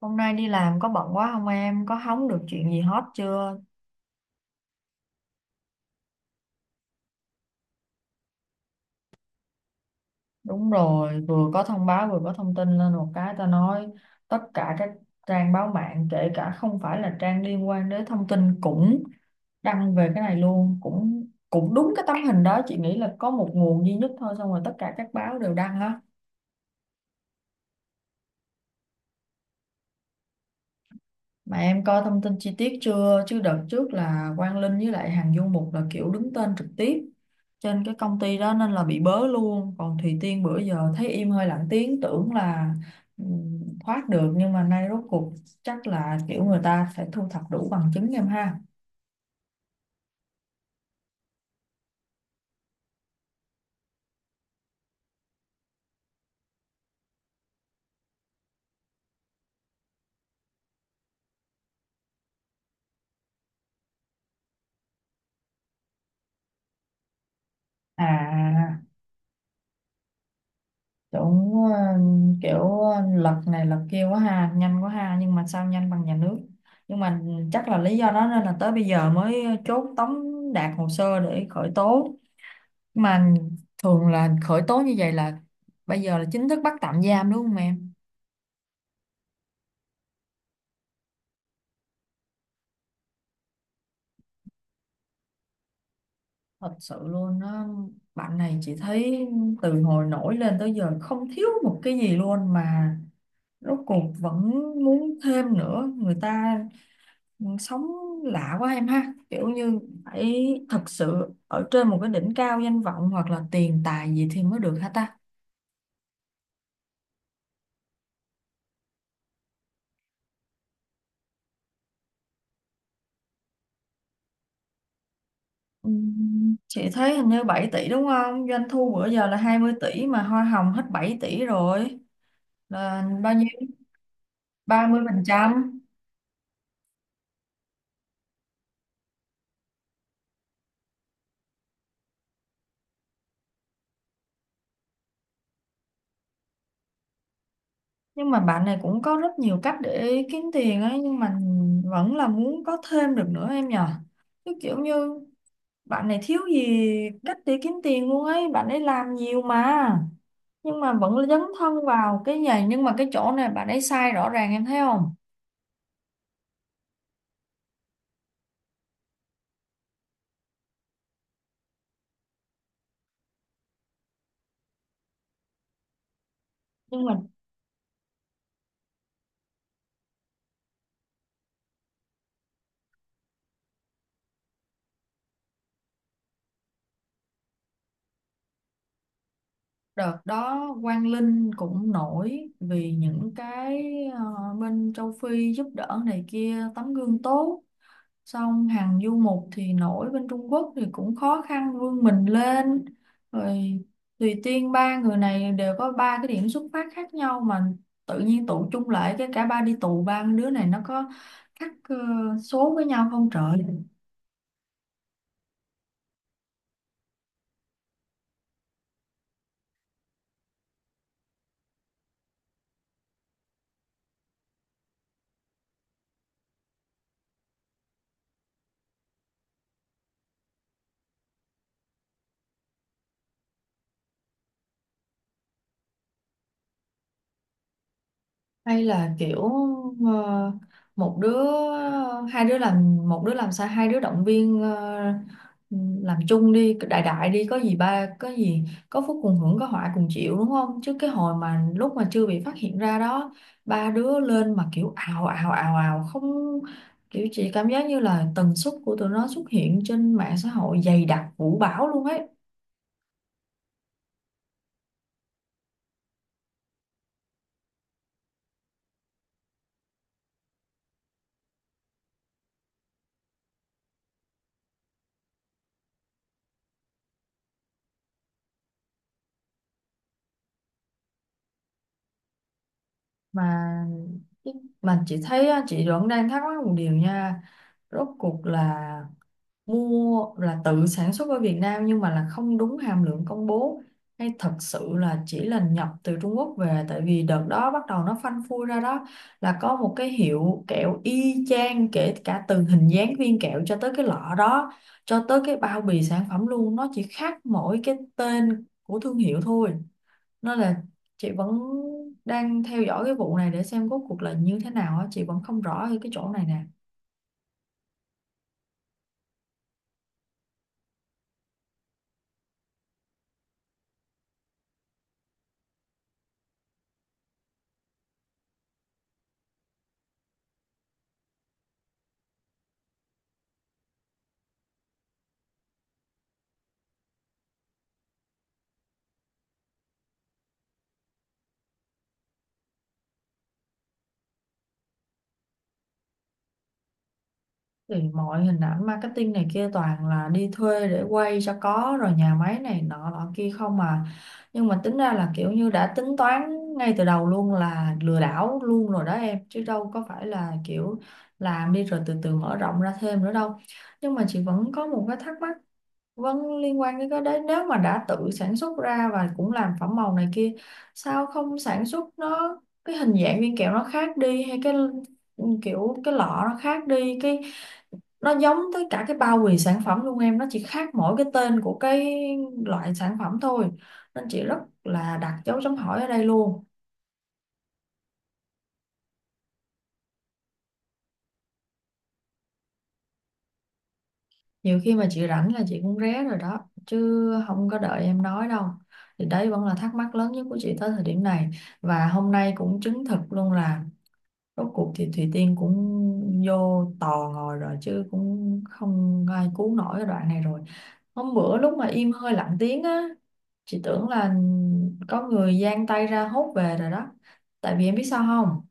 Hôm nay đi làm có bận quá không em? Có hóng được chuyện gì hot chưa? Đúng rồi, vừa có thông báo vừa có thông tin lên một cái ta nói tất cả các trang báo mạng kể cả không phải là trang liên quan đến thông tin cũng đăng về cái này luôn, cũng cũng đúng cái tấm hình đó, chị nghĩ là có một nguồn duy nhất thôi xong rồi tất cả các báo đều đăng á. Mà em coi thông tin chi tiết chưa? Chứ đợt trước là Quang Linh với lại Hằng Du Mục là kiểu đứng tên trực tiếp trên cái công ty đó nên là bị bớ luôn. Còn Thùy Tiên bữa giờ thấy im hơi lặng tiếng tưởng là thoát được nhưng mà nay rốt cuộc chắc là kiểu người ta phải thu thập đủ bằng chứng em ha. À cũng kiểu lật này lật kia quá ha, nhanh quá ha nhưng mà sao nhanh bằng nhà nước. Nhưng mà chắc là lý do đó nên là tới bây giờ mới chốt tống đạt hồ sơ để khởi tố, mà thường là khởi tố như vậy là bây giờ là chính thức bắt tạm giam đúng không em? Thật sự luôn á. Bạn này chị thấy từ hồi nổi lên tới giờ không thiếu một cái gì luôn mà rốt cuộc vẫn muốn thêm nữa. Người ta sống lạ quá em ha, kiểu như phải thật sự ở trên một cái đỉnh cao danh vọng hoặc là tiền tài gì thì mới được hả ta? Chị thấy hình như 7 tỷ đúng không? Doanh thu bữa giờ là 20 tỷ mà hoa hồng hết 7 tỷ rồi. Là bao nhiêu? 30%. Nhưng mà bạn này cũng có rất nhiều cách để kiếm tiền ấy, nhưng mà vẫn là muốn có thêm được nữa em nhờ. Chứ kiểu như bạn này thiếu gì cách để kiếm tiền luôn ấy, bạn ấy làm nhiều mà, nhưng mà vẫn dấn thân vào cái này. Nhưng mà cái chỗ này bạn ấy sai rõ ràng em thấy không? Nhưng mà đợt đó Quang Linh cũng nổi vì những cái ờ, bên châu Phi giúp đỡ này kia tấm gương tốt, xong Hàng Du Mục thì nổi bên Trung Quốc thì cũng khó khăn vươn mình lên, rồi Tùy Tiên, ba người này đều có ba cái điểm xuất phát khác nhau mà tự nhiên tụ chung lại cái cả ba đi tù. Ba đứa này nó có khác số với nhau không trời. Hay là kiểu ờ, một đứa hai đứa làm, một đứa làm sao hai đứa động viên làm chung đi, đại đại đi có gì ba có gì, có phúc cùng hưởng có họa cùng chịu đúng không? Chứ cái hồi mà lúc mà chưa bị phát hiện ra đó, ba đứa lên mà kiểu ào ào ào ào không, kiểu chị cảm giác như là tần suất của tụi nó xuất hiện trên mạng xã hội dày đặc vũ bão luôn ấy. Mà mà chị thấy á, chị vẫn đang thắc mắc một điều nha. Rốt cuộc là mua là tự sản xuất ở Việt Nam nhưng mà là không đúng hàm lượng công bố, hay thật sự là chỉ là nhập từ Trung Quốc về? Tại vì đợt đó bắt đầu nó phanh phui ra đó là có một cái hiệu kẹo y chang kể cả từ hình dáng viên kẹo cho tới cái lọ đó, cho tới cái bao bì sản phẩm luôn, nó chỉ khác mỗi cái tên của thương hiệu thôi. Nên là chị vẫn đang theo dõi cái vụ này để xem rốt cuộc là như thế nào á, chị vẫn không rõ ở cái chỗ này nè. Thì mọi hình ảnh marketing này kia toàn là đi thuê để quay cho có, rồi nhà máy này nọ nọ kia không mà. Nhưng mà tính ra là kiểu như đã tính toán ngay từ đầu luôn là lừa đảo luôn rồi đó em, chứ đâu có phải là kiểu làm đi rồi từ từ mở rộng ra thêm nữa đâu. Nhưng mà chị vẫn có một cái thắc mắc vẫn liên quan đến cái đấy, nếu mà đã tự sản xuất ra và cũng làm phẩm màu này kia, sao không sản xuất nó cái hình dạng viên kẹo nó khác đi, hay cái kiểu cái lọ nó khác đi, cái nó giống tới cả cái bao bì sản phẩm luôn em, nó chỉ khác mỗi cái tên của cái loại sản phẩm thôi. Nên chị rất là đặt dấu chấm hỏi ở đây luôn. Nhiều khi mà chị rảnh là chị cũng ré rồi đó, chứ không có đợi em nói đâu. Thì đấy vẫn là thắc mắc lớn nhất của chị tới thời điểm này, và hôm nay cũng chứng thực luôn là rốt cuộc thì Thùy Tiên cũng vô tò ngồi rồi, chứ cũng không ai cứu nổi cái đoạn này rồi. Hôm bữa lúc mà im hơi lặng tiếng á, chị tưởng là có người giang tay ra hốt về rồi đó, tại vì em biết sao không?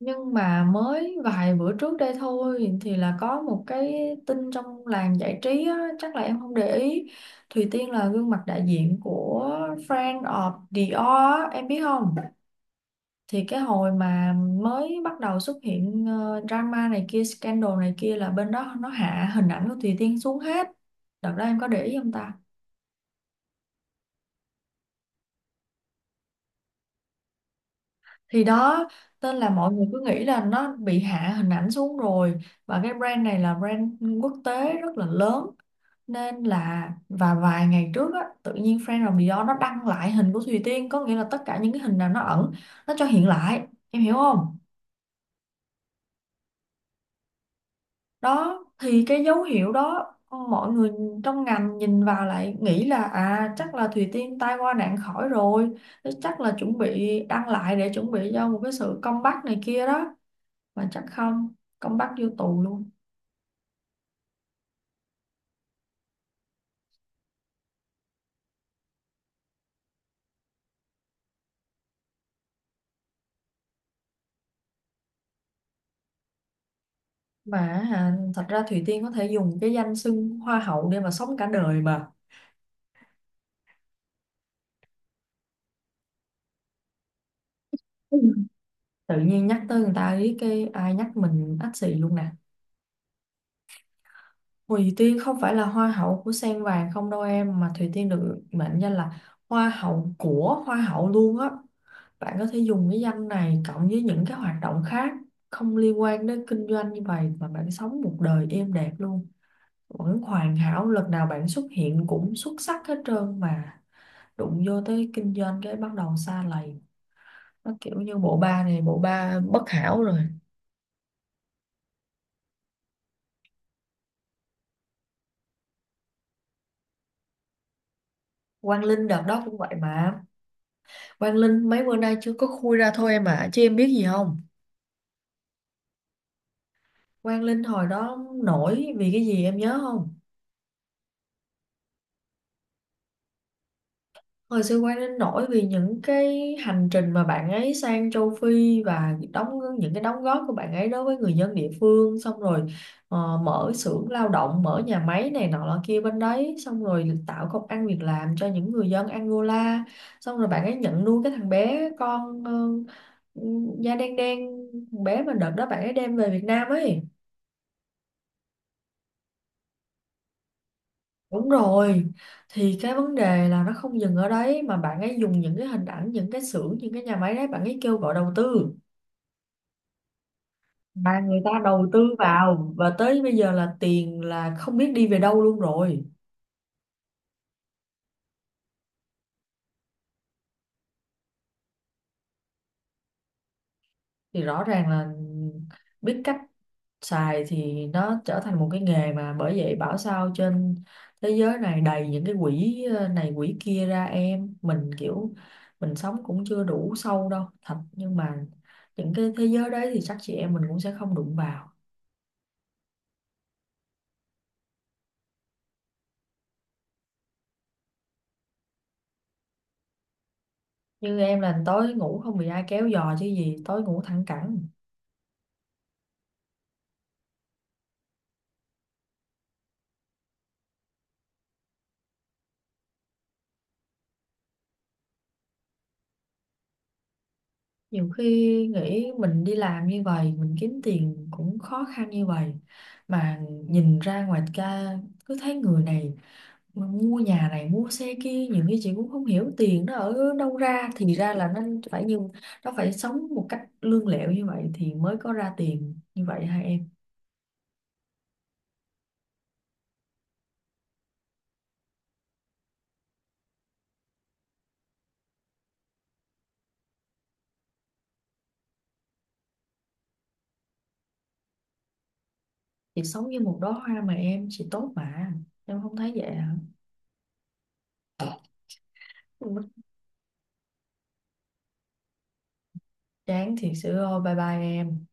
Nhưng mà mới vài bữa trước đây thôi thì là có một cái tin trong làng giải trí á, chắc là em không để ý. Thùy Tiên là gương mặt đại diện của Friend of Dior á, em biết không? Thì cái hồi mà mới bắt đầu xuất hiện drama này kia scandal này kia là bên đó nó hạ hình ảnh của Thùy Tiên xuống hết, đợt đó em có để ý không ta? Thì đó, tên là mọi người cứ nghĩ là nó bị hạ hình ảnh xuống rồi, và cái brand này là brand quốc tế rất là lớn, nên là và vài ngày trước á tự nhiên Friend of Dior nó đăng lại hình của Thùy Tiên, có nghĩa là tất cả những cái hình nào nó ẩn nó cho hiện lại, em hiểu không? Đó thì cái dấu hiệu đó mọi người trong ngành nhìn vào lại nghĩ là à chắc là Thùy Tiên tai qua nạn khỏi rồi, thế chắc là chuẩn bị đăng lại để chuẩn bị cho một cái sự comeback này kia đó. Mà chắc không, comeback vô tù luôn. mà À, thật ra Thùy Tiên có thể dùng cái danh xưng hoa hậu để mà sống cả đời mà. Ừ. Tự nhiên nhắc tới người ta ý cái ai nhắc mình ách xì luôn nè. Thùy Tiên không phải là hoa hậu của Sen Vàng không đâu em, mà Thùy Tiên được mệnh danh là hoa hậu của hoa hậu luôn á. Bạn có thể dùng cái danh này cộng với những cái hoạt động khác không liên quan đến kinh doanh như vậy mà bạn sống một đời êm đẹp luôn, vẫn hoàn hảo, lần nào bạn xuất hiện cũng xuất sắc hết trơn mà. Đụng vô tới kinh doanh cái bắt đầu sa lầy, nó kiểu như bộ ba này bộ ba bất hảo rồi. Quang Linh đợt đó cũng vậy mà, Quang Linh mấy bữa nay chưa có khui ra thôi em ạ, chứ em biết gì không? Quang Linh hồi đó nổi vì cái gì em nhớ không? Hồi xưa Quang Linh nổi vì những cái hành trình mà bạn ấy sang châu Phi, và đóng những cái đóng góp của bạn ấy đối với người dân địa phương, xong rồi mở xưởng lao động, mở nhà máy này nọ lọ kia bên đấy, xong rồi tạo công ăn việc làm cho những người dân Angola, xong rồi bạn ấy nhận nuôi cái thằng bé con da đen đen, thằng bé mà đợt đó bạn ấy đem về Việt Nam ấy. Đúng rồi, thì cái vấn đề là nó không dừng ở đấy mà bạn ấy dùng những cái hình ảnh, những cái xưởng, những cái nhà máy đấy bạn ấy kêu gọi đầu tư, mà người ta đầu tư vào và tới bây giờ là tiền là không biết đi về đâu luôn rồi. Thì rõ ràng là biết cách xài thì nó trở thành một cái nghề, mà bởi vậy bảo sao trên thế giới này đầy những cái quỹ này quỹ kia ra. Em mình kiểu mình sống cũng chưa đủ sâu đâu thật, nhưng mà những cái thế giới đấy thì chắc chị em mình cũng sẽ không đụng vào. Như em là tối ngủ không bị ai kéo giò chứ gì, tối ngủ thẳng cẳng. Nhiều khi nghĩ mình đi làm như vậy mình kiếm tiền cũng khó khăn như vậy, mà nhìn ra ngoài ca cứ thấy người này mua nhà này mua xe kia, nhiều khi chị cũng không hiểu tiền nó ở đâu ra, thì ra là nó phải như nó phải sống một cách lương lẹo như vậy thì mới có ra tiền như vậy hả em? Chị sống như một đóa hoa mà em, chị tốt mà, em không thấy vậy hả? Ừ, chán thiệt sự ơi, bye bye em.